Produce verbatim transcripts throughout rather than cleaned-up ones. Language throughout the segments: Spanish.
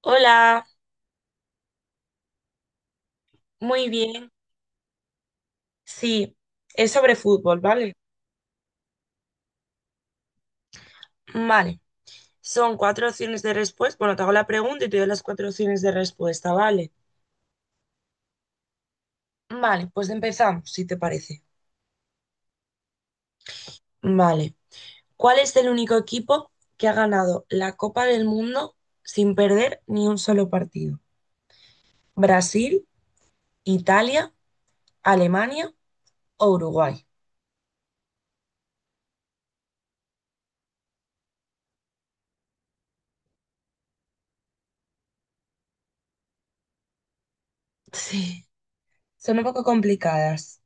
Hola, muy bien. Sí, es sobre fútbol, ¿vale? Vale. Son cuatro opciones de respuesta. Bueno, te hago la pregunta y te doy las cuatro opciones de respuesta, ¿vale? Vale, pues empezamos, si te parece. Vale. ¿Cuál es el único equipo que ha ganado la Copa del Mundo sin perder ni un solo partido? ¿Brasil, Italia, Alemania o Uruguay? Sí, son un poco complicadas.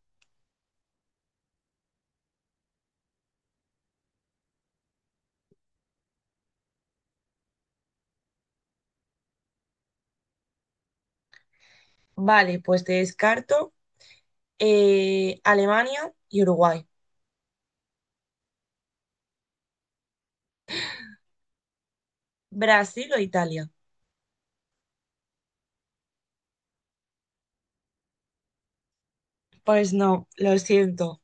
Vale, pues te descarto eh, Alemania y Uruguay. ¿Brasil o Italia? Pues no, lo siento.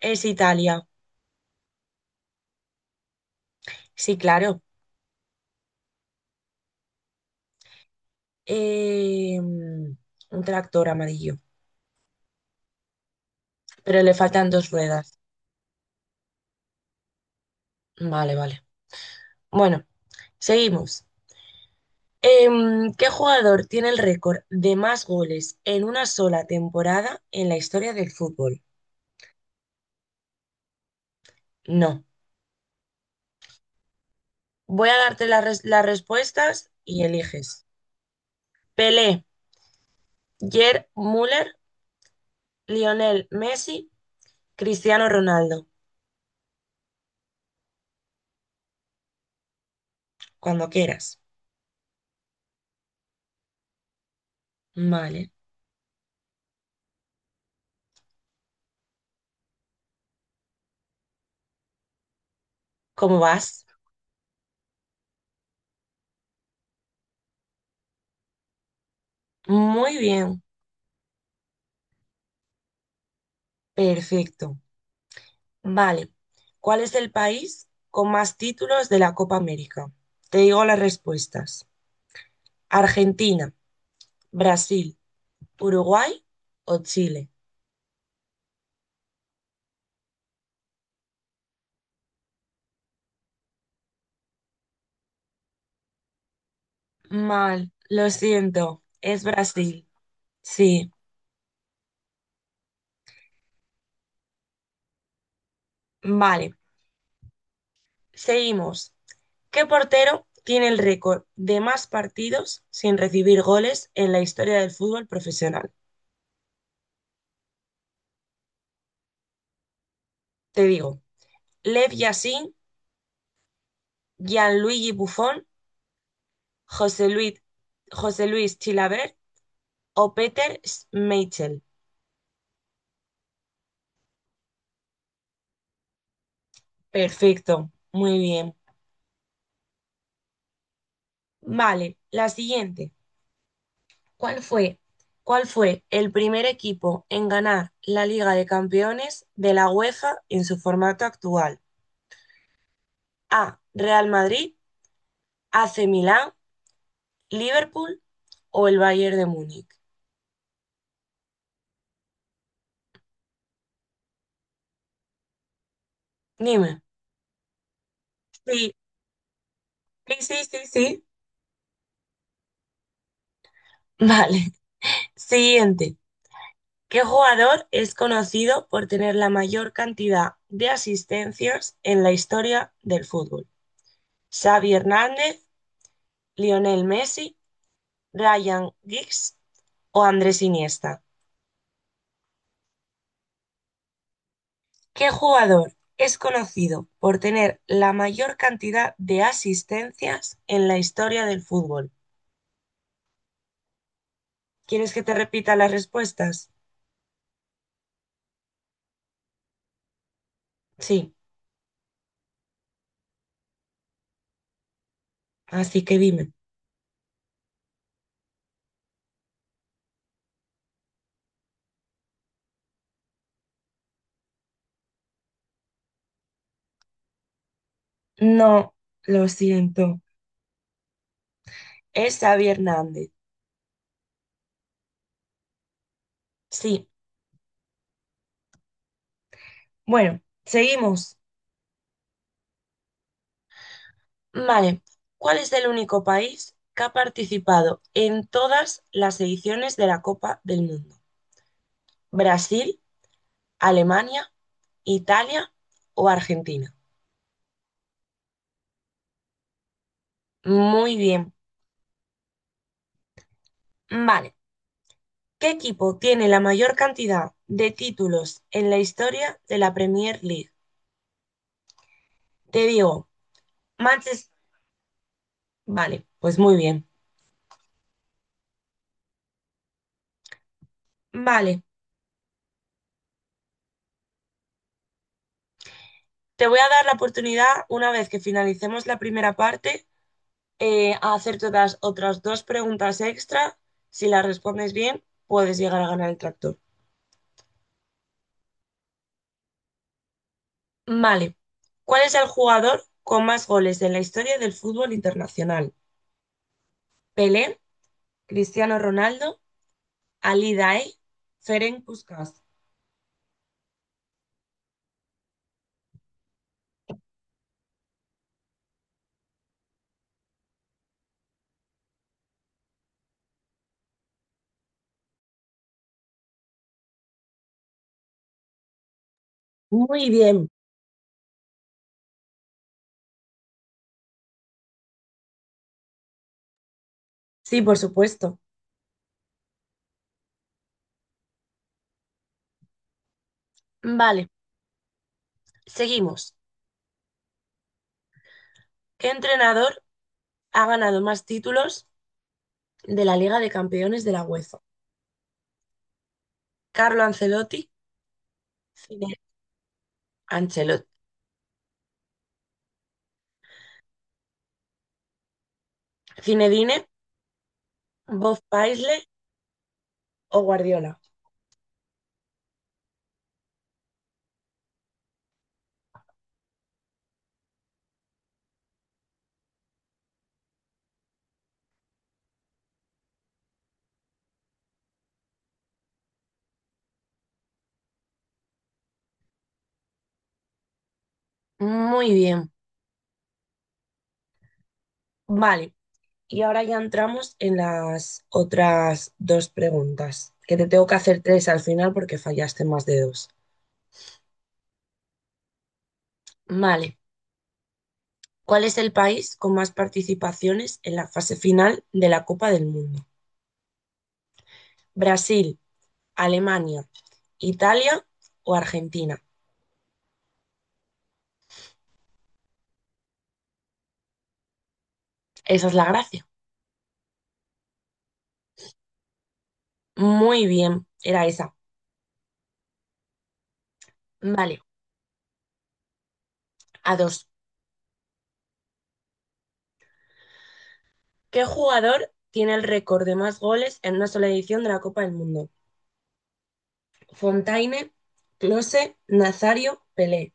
Es Italia. Sí, claro. Eh, un tractor amarillo. Pero le faltan dos ruedas. Vale, vale. Bueno, seguimos. Em, ¿qué jugador tiene el récord de más goles en una sola temporada en la historia del fútbol? No. Voy a darte las res- las respuestas y eliges. Pelé, Gerd Müller, Lionel Messi, Cristiano Ronaldo. Cuando quieras. Vale. ¿Cómo vas? Muy bien. Perfecto. Vale. ¿Cuál es el país con más títulos de la Copa América? Te digo las respuestas. Argentina, Brasil, Uruguay o Chile. Mal. Lo siento. Es Brasil. Sí. Vale. Seguimos. ¿Qué portero tiene el récord de más partidos sin recibir goles en la historia del fútbol profesional? Te digo. Lev Yashin, Gianluigi Buffon, José Luis, José Luis Chilaver o Peter Schmeichel. Perfecto, muy bien. Vale, la siguiente. ¿Cuál fue, ¿Cuál fue el primer equipo en ganar la Liga de Campeones de la UEFA en su formato actual? A. Real Madrid, A C Milán, Liverpool o el Bayern de Múnich. Dime. Sí, sí, sí, sí, sí. Vale. Siguiente. ¿Qué jugador es conocido por tener la mayor cantidad de asistencias en la historia del fútbol? ¿Xavi Hernández, Lionel Messi, Ryan Giggs o Andrés Iniesta? ¿Qué jugador es conocido por tener la mayor cantidad de asistencias en la historia del fútbol? ¿Quieres que te repita las respuestas? Sí, así que dime. No, lo siento. Es Xavi Hernández. Sí. Bueno, seguimos. Vale. ¿Cuál es el único país que ha participado en todas las ediciones de la Copa del Mundo? ¿Brasil, Alemania, Italia o Argentina? Muy bien. Vale. ¿Qué equipo tiene la mayor cantidad de títulos en la historia de la Premier League? Te digo, Manchester. Vale, pues muy bien. Vale. Te voy a dar la oportunidad, una vez que finalicemos la primera parte, eh, a hacerte las otras dos preguntas extra. Si las respondes bien, puedes llegar a ganar el tractor. Vale. ¿Cuál es el jugador con más goles en la historia del fútbol internacional? Pelé, Cristiano Ronaldo, Ali Daei, Ferenc Puskás. Muy bien. Sí, por supuesto. Vale. Seguimos. ¿Qué entrenador ha ganado más títulos de la Liga de Campeones de la UEFA? Carlo Ancelotti, Cine- Ancelotti, Zinedine, Bob Paisley o Guardiola. Muy bien. Vale. Y ahora ya entramos en las otras dos preguntas, que te tengo que hacer tres al final porque fallaste más de dos. Vale. ¿Cuál es el país con más participaciones en la fase final de la Copa del Mundo? ¿Brasil, Alemania, Italia o Argentina? Esa es la gracia. Muy bien, era esa. Vale. A dos. ¿Qué jugador tiene el récord de más goles en una sola edición de la Copa del Mundo? Fontaine, Close, Nazario, Pelé.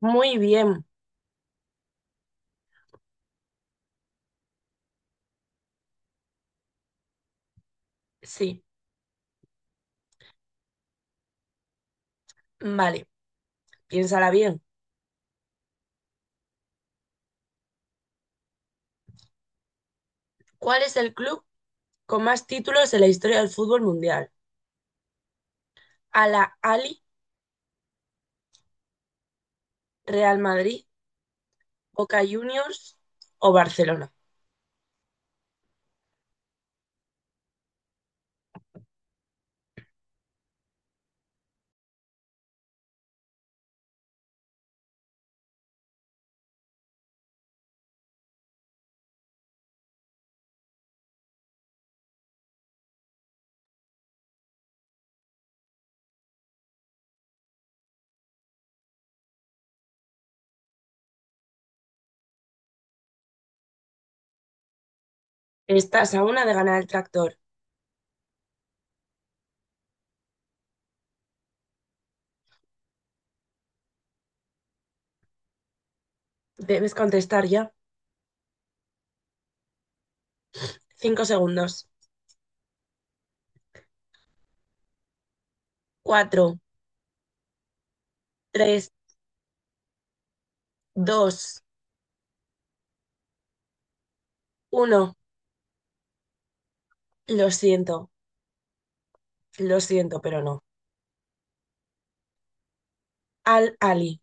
Muy bien, sí. Vale, piénsala bien. ¿Cuál es el club con más títulos en la historia del fútbol mundial? ¿Al Ahly, Real Madrid, Boca Juniors o Barcelona? Estás a una de ganar el tractor. Debes contestar ya. Cinco segundos. Cuatro, tres, dos, uno. Lo siento, lo siento, pero no. Al Ahly.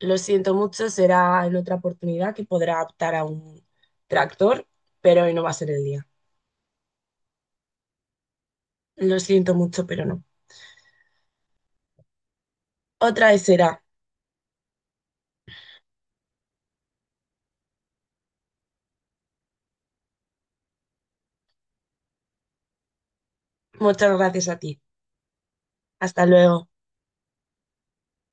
Lo siento mucho, será en otra oportunidad que podrá optar a un tractor, pero hoy no va a ser el día. Lo siento mucho, pero no. Otra vez será. Muchas gracias a ti. Hasta luego.